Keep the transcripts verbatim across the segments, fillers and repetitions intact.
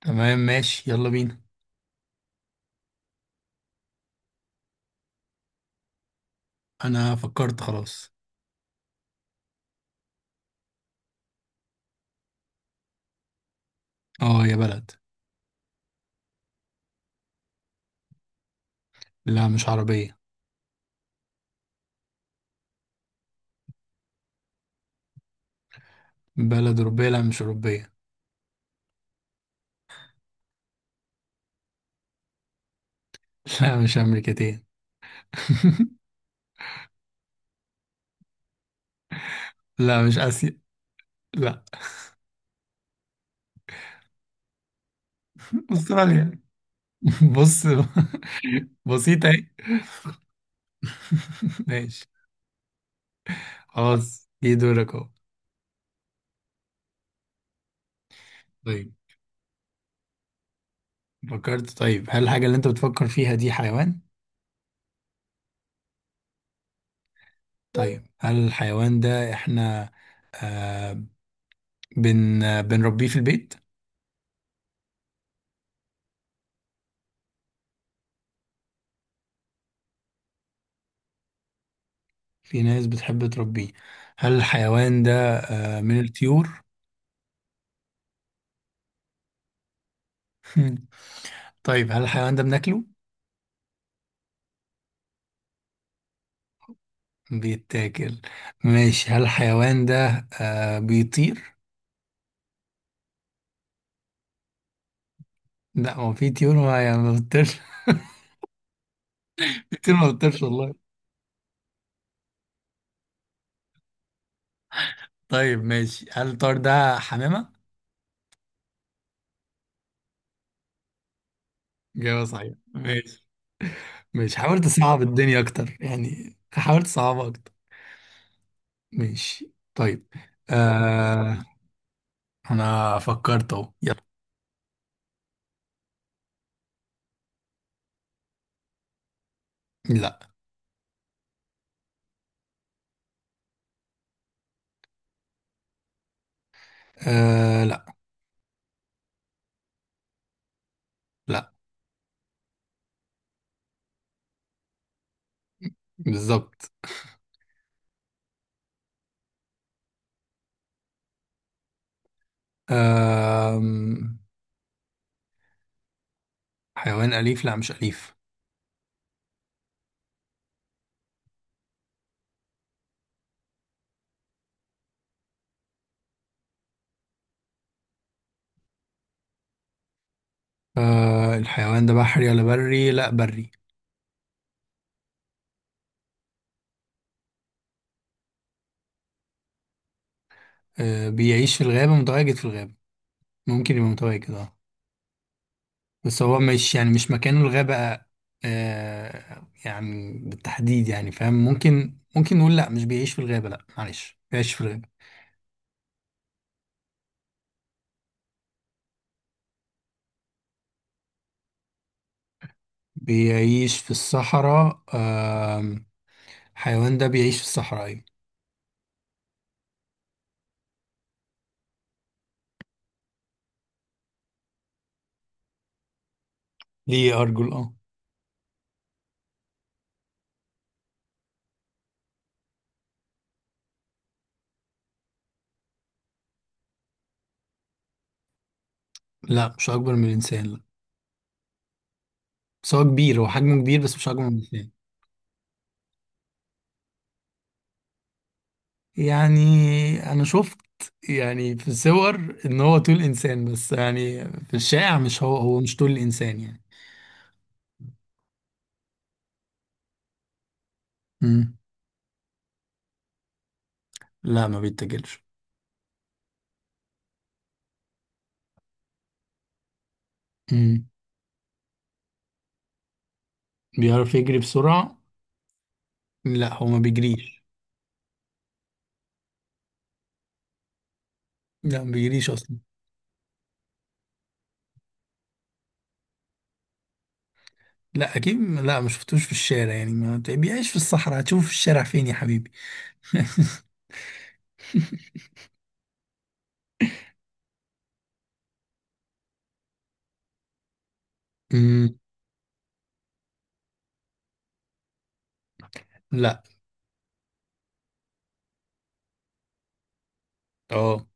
تمام، ماشي، يلا بينا. انا فكرت خلاص. اه، يا بلد. لا، مش عربية. بلد أوروبية. لا، مش أوروبية. لا، مش أمريكتين. لا، مش آسيا. لا. أستراليا. بص. بسيطة اهي. ماشي. خلاص، جه دورك اهو. طيب. فكرت. طيب، هل الحاجة اللي انت بتفكر فيها دي حيوان؟ طيب، هل الحيوان ده احنا آه بن بنربيه في البيت؟ في ناس بتحب تربيه. هل الحيوان ده آه، من الطيور؟ مم. طيب، هل الحيوان ده بناكله؟ بيتاكل. ماشي، هل الحيوان ده آه بيطير؟ لا، هو في طيور ما يعني ما بتطيرش. في طيور ما بتطيرش والله. طيب، ماشي، هل الطار ده حمامة؟ جواب صحيح. ماشي. ماشي، حاولت اصعب الدنيا اكتر، يعني حاولت اصعبها اكتر. ماشي. طيب. آه انا فكرت اهو، يلا. لا. آه لا. لا. بالظبط. آم، حيوان أليف. لا، مش أليف. آه، الحيوان ده بحري ولا بري؟ لا، بري. آه، بيعيش في الغابة، متواجد في الغابة. ممكن يبقى متواجد، اه. بس هو مش، يعني مش مكانه الغابة. آه، يعني بالتحديد، يعني فاهم، ممكن ممكن نقول لا مش بيعيش في الغابة، لا معلش بيعيش في الغابة. بيعيش في الصحراء، آم، الحيوان ده بيعيش في الصحراء، أيوة. ليه أرجل، اه. لا مش أكبر من الإنسان، لا. بس هو كبير، هو حجمه كبير، بس مش أكبر من الإنسان. يعني انا شفت، يعني في الصور، ان هو طول انسان، بس يعني في الشائع مش هو هو مش طول انسان يعني. امم. لا ما بيتاكلش. امم. بيعرف يجري بسرعة. لا، هو ما بيجريش. لا ما بيجريش اصلا. لا، اكيد لا، ما شفتوش في الشارع. يعني ما بيعيش في الصحراء، هتشوفه في الشارع فين يا حبيبي؟ امم. لا. اه.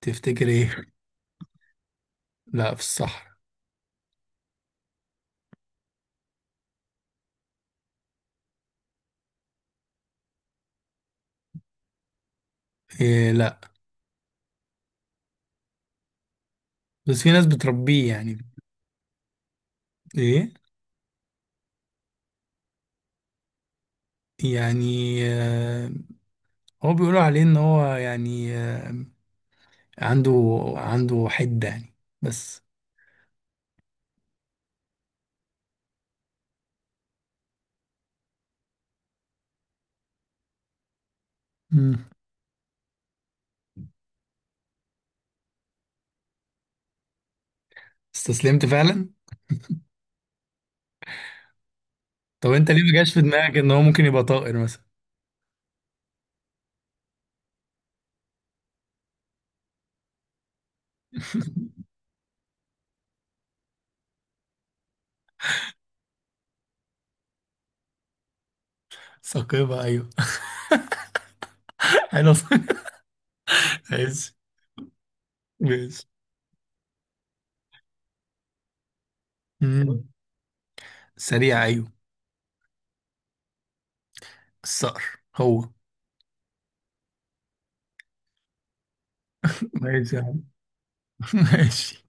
تفتكر ايه؟ لا، في الصحراء. إيه، لا. بس في ناس بتربيه يعني. ايه. يعني، آه، هو بيقولوا عليه ان هو يعني، آه، عنده عنده حدة يعني، بس. امم. استسلمت فعلا. طب انت ليه ما جاش في دماغك ان هو ممكن يبقى طائر مثلا؟ ثقيبة، أيوه. حلو. ماشي. ماشي. امم. سريع، ايوه. الصقر هو. ماشي يا عم. ماشي.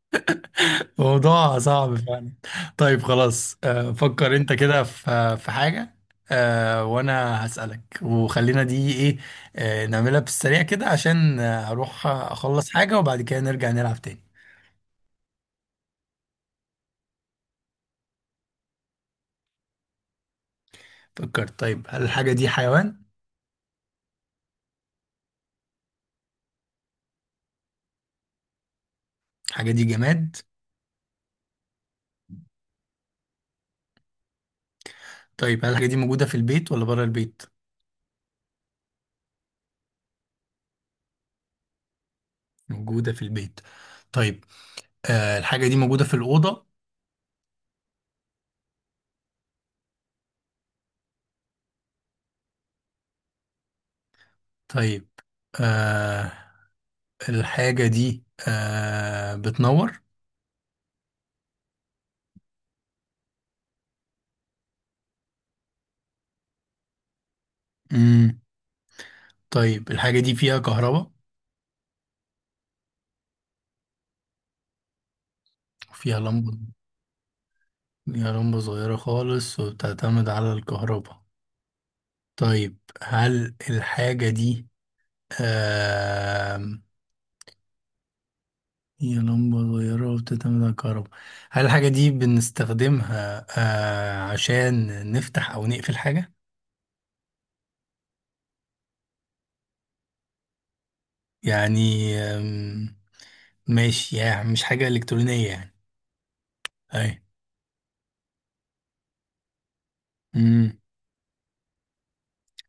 موضوع صعب فعلا. طيب خلاص، آه، فكر انت كده في في حاجة، آه، وانا هسألك، وخلينا دي ايه، آه، نعملها بالسريع كده عشان آه، هروح اخلص حاجة وبعد كده نرجع نلعب تاني. فكرت. طيب، هل الحاجة دي حيوان؟ الحاجة دي جماد؟ طيب، هل الحاجة دي موجودة في البيت ولا بره البيت؟ موجودة في البيت. طيب، آه، الحاجة دي موجودة في الأوضة؟ طيب، آه، الحاجة دي آه، بتنور؟ مم. طيب، الحاجة دي فيها كهرباء وفيها لمبة. فيها لمبة صغيرة خالص وبتعتمد على الكهرباء. طيب، هل الحاجة دي آم، هي لمبة صغيرة وبتعتمد على الكهرباء؟ هل الحاجة دي بنستخدمها آه، عشان نفتح أو نقفل حاجة؟ يعني، آم، ماشي، يعني مش حاجة إلكترونية يعني. أي. مم،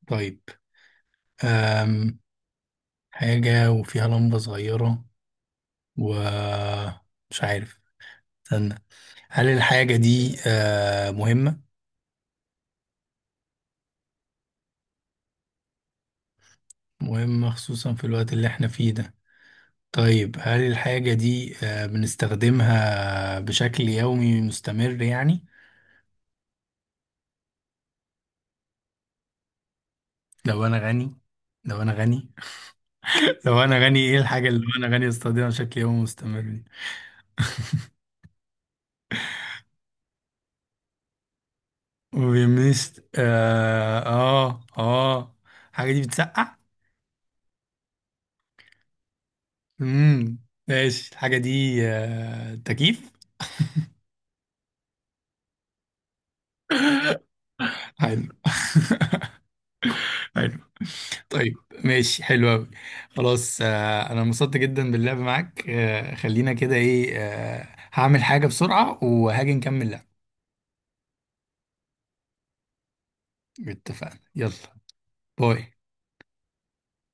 طيب، آم، حاجة وفيها لمبة صغيرة ومش عارف. استنى. هل الحاجة دي آه، مهمة؟ مهمة، خصوصا في الوقت اللي احنا فيه ده. طيب، هل الحاجة دي آه، بنستخدمها بشكل يومي مستمر يعني؟ لو أنا غني، لو أنا غني. لو أنا غني، إيه الحاجة اللي لو أنا غني أستخدمها بشكل يومي مستمر دي؟ وبيمست آه آه آه الحاجة دي بتسقع؟ مم. ماشي، الحاجة دي آه، تكييف؟ حلو. طيب، ماشي، حلو أوي. خلاص، آه، أنا انبسطت جدا باللعب معاك، آه، خلينا كده إيه، آه، هعمل حاجة بسرعة وهاجي نكمل لعب. اتفقنا، يلا. باي.